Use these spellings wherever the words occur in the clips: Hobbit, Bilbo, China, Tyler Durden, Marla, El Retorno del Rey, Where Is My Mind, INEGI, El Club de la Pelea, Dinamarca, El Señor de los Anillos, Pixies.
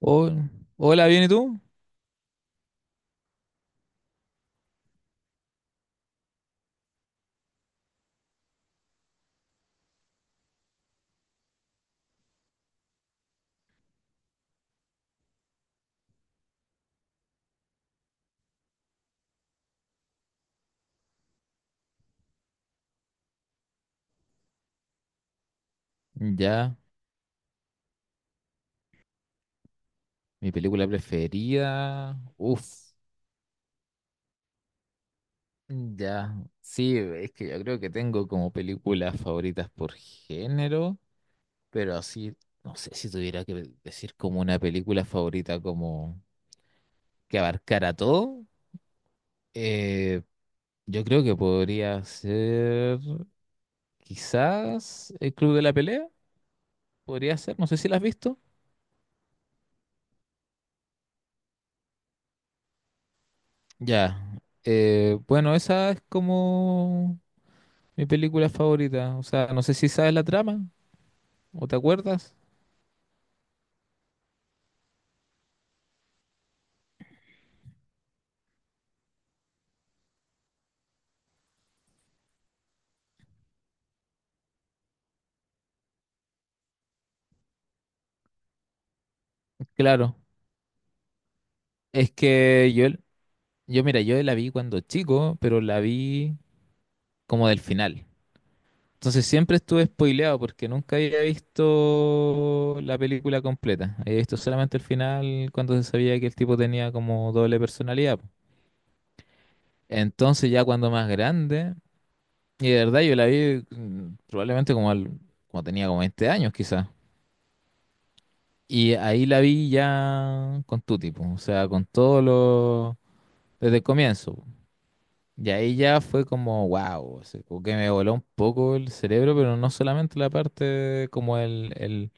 Oh, hola. ¿Bien y tú? Ya, mi película preferida. Uf, ya. Sí, es que yo creo que tengo como películas favoritas por género, pero así, no sé si tuviera que decir como una película favorita como que abarcara todo. eh, yo creo que podría ser quizás El Club de la Pelea, podría ser, no sé si la has visto. Ya. Bueno, esa es como mi película favorita, o sea, no sé si sabes la trama o te acuerdas. Claro, es que yo mira, yo la vi cuando chico, pero la vi como del final. Entonces siempre estuve spoileado porque nunca había visto la película completa. Había visto solamente el final cuando se sabía que el tipo tenía como doble personalidad, po. Entonces ya cuando más grande, y de verdad yo la vi probablemente como, como tenía como 20 años quizás. Y ahí la vi ya con Tuti, po, o sea, con todo lo... desde el comienzo, po. Y ahí ya fue como, wow, o sea, como que me voló un poco el cerebro, pero no solamente la parte de como el, el-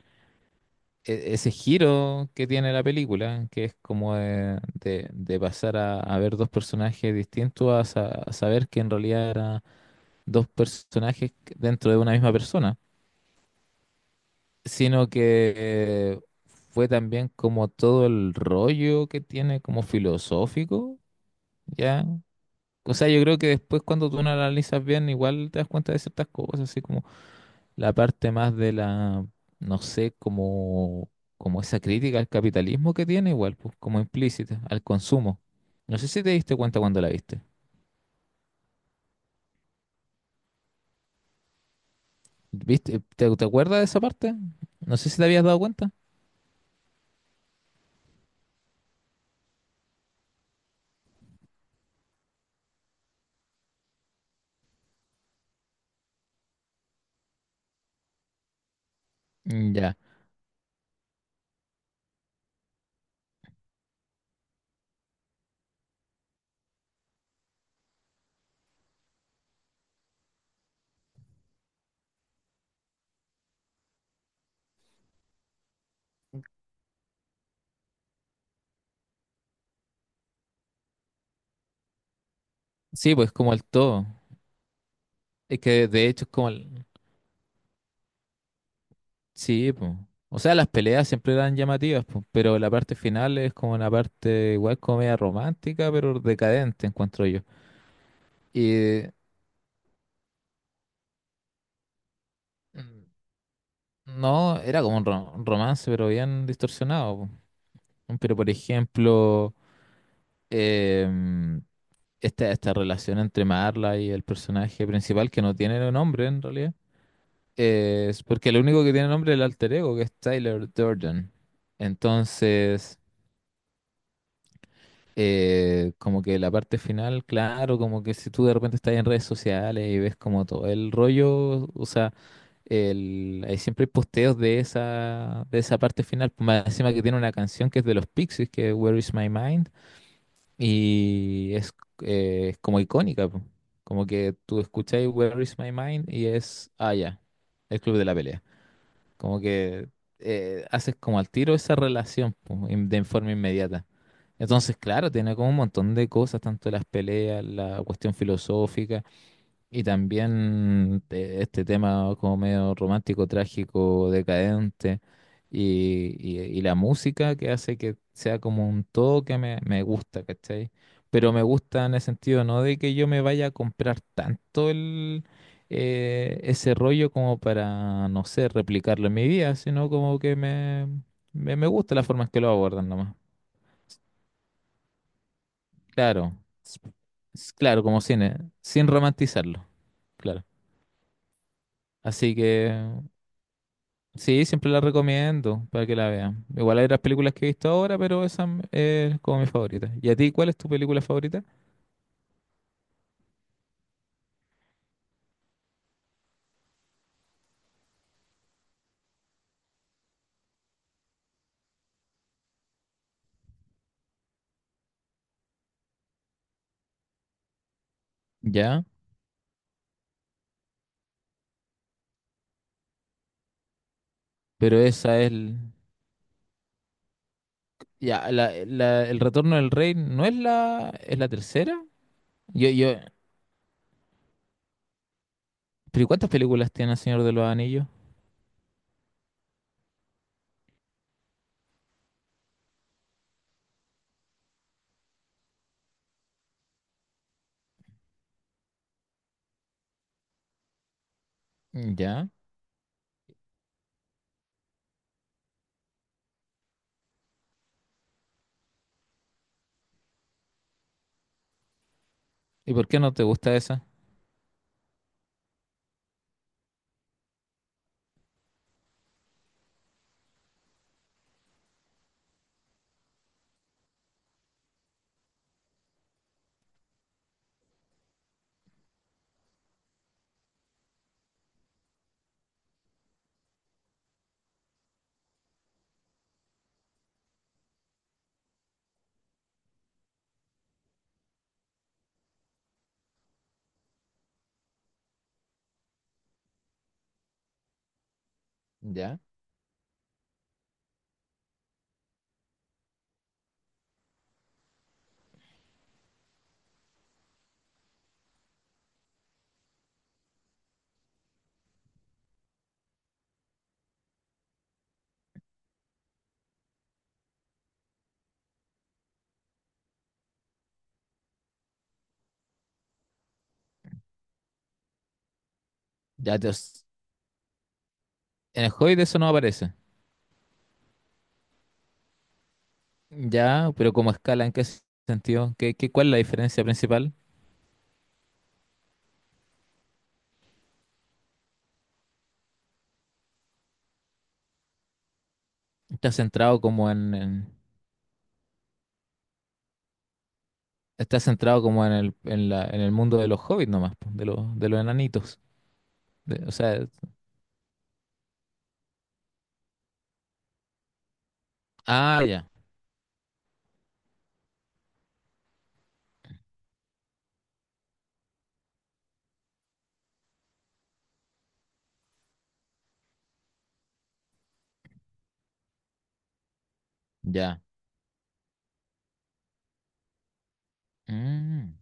e- ese giro que tiene la película, que es como de pasar a ver dos personajes distintos, a, a saber que en realidad eran dos personajes dentro de una misma persona, sino que fue también como todo el rollo que tiene como filosófico, ¿ya? O sea, yo creo que después cuando tú lo analizas bien, igual te das cuenta de ciertas cosas, así como la parte más de la, no sé, como, como esa crítica al capitalismo que tiene, igual, pues como implícita, al consumo. No sé si te diste cuenta cuando la viste. ¿Viste? ¿Te acuerdas de esa parte? No sé si te habías dado cuenta. Mm, ya. Sí, pues como el todo. Es que de hecho es como el, sí, pues. O sea, las peleas siempre eran llamativas, pues, pero la parte final es como una parte igual comedia romántica, pero decadente, encuentro yo. Y mm, no, era como un un romance, pero bien distorsionado, po. Pero por ejemplo, em, esta relación entre Marla y el personaje principal, que no tiene nombre en realidad, es porque el único que tiene nombre es el alter ego, que es Tyler Durden. Entonces... como que la parte final, claro, como que si tú de repente estás en redes sociales y ves como todo el rollo, o sea, el, hay siempre posteos de de esa parte final, pues más encima que tiene una canción que es de los Pixies, que es Where Is My Mind, y es como icónica, po. Como que tú escucháis Where Is My Mind y es, ah, ya, el club de la pelea. Como que haces como al tiro esa relación, po, de forma inmediata. Entonces, claro, tiene como un montón de cosas, tanto las peleas, la cuestión filosófica. Y también este tema como medio romántico, trágico, decadente, y la música que hace que sea como un todo que me gusta, ¿cachai? Pero me gusta en el sentido no de que yo me vaya a comprar tanto el, ese rollo como para, no sé, replicarlo en mi vida, sino como que me gusta la forma en que lo abordan nomás. Claro, s- claro, como cine, sin romantizarlo, claro. Así que sí, siempre la recomiendo para que la vean. Igual hay otras películas que he visto ahora, pero esa es como mi favorita. ¿Y a ti cuál es tu película favorita? Ya, pero esa es el... Ya, El Retorno del Rey no es la... ¿Es la tercera? Yo, yo... ¿Pero ¿y cuántas películas tiene El Señor de los Anillos? Ya. ¿Y por qué no te gusta esa? Ya. Ya, en el Hobbit eso no aparece. Ya, pero como escala, ¿en qué sentido? Cuál es la diferencia principal? ¿Está centrado como en, en- Está centrado como en el, en la, en el mundo de los hobbits nomás, po, de de los enanitos. O sea, ah, ya, ya. Mm.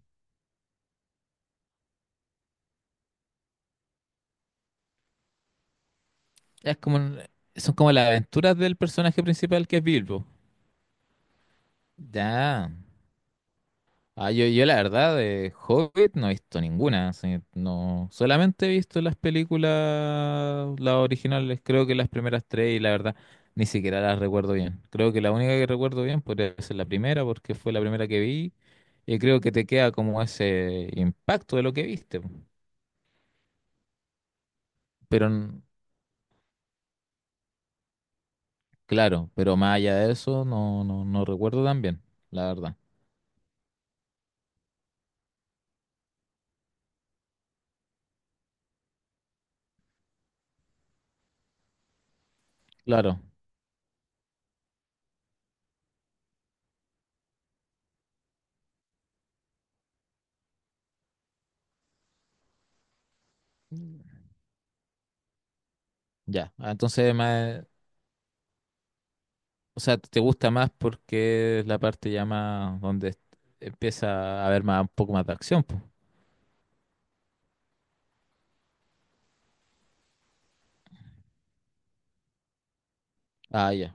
Es como, son como las aventuras del personaje principal que es Bilbo. Ya. Ah, yo la verdad de Hobbit no he visto ninguna. Así, no, solamente he visto las películas, las originales, creo que las primeras tres y la verdad ni siquiera las recuerdo bien. Creo que la única que recuerdo bien podría ser la primera porque fue la primera que vi y creo que te queda como ese impacto de lo que viste. Pero n- claro, pero más allá de eso no, no recuerdo tan bien, la verdad. Claro, ya. Ah, entonces, más, o sea, te gusta más porque es la parte ya más donde empieza a haber más, un poco más de acción, po. Ah, ya,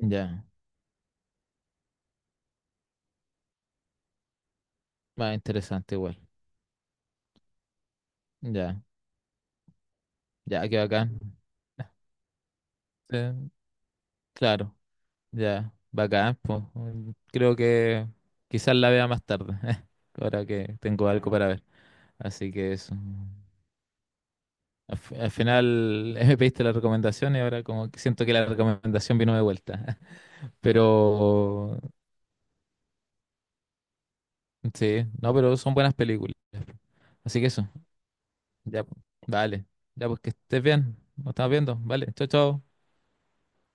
ya. Más interesante igual. Ya, ya, qué bacán. Eh, claro, ya, bacán, pues. Creo que quizás la vea más tarde, ahora que tengo algo para ver. Así que eso. Al final me pediste la recomendación y ahora como que siento que la recomendación vino de vuelta. Pero sí, no, pero son buenas películas. Así que eso, ya, pues, dale. Ya pues que estés bien. Nos estamos viendo. Vale, chao, chao.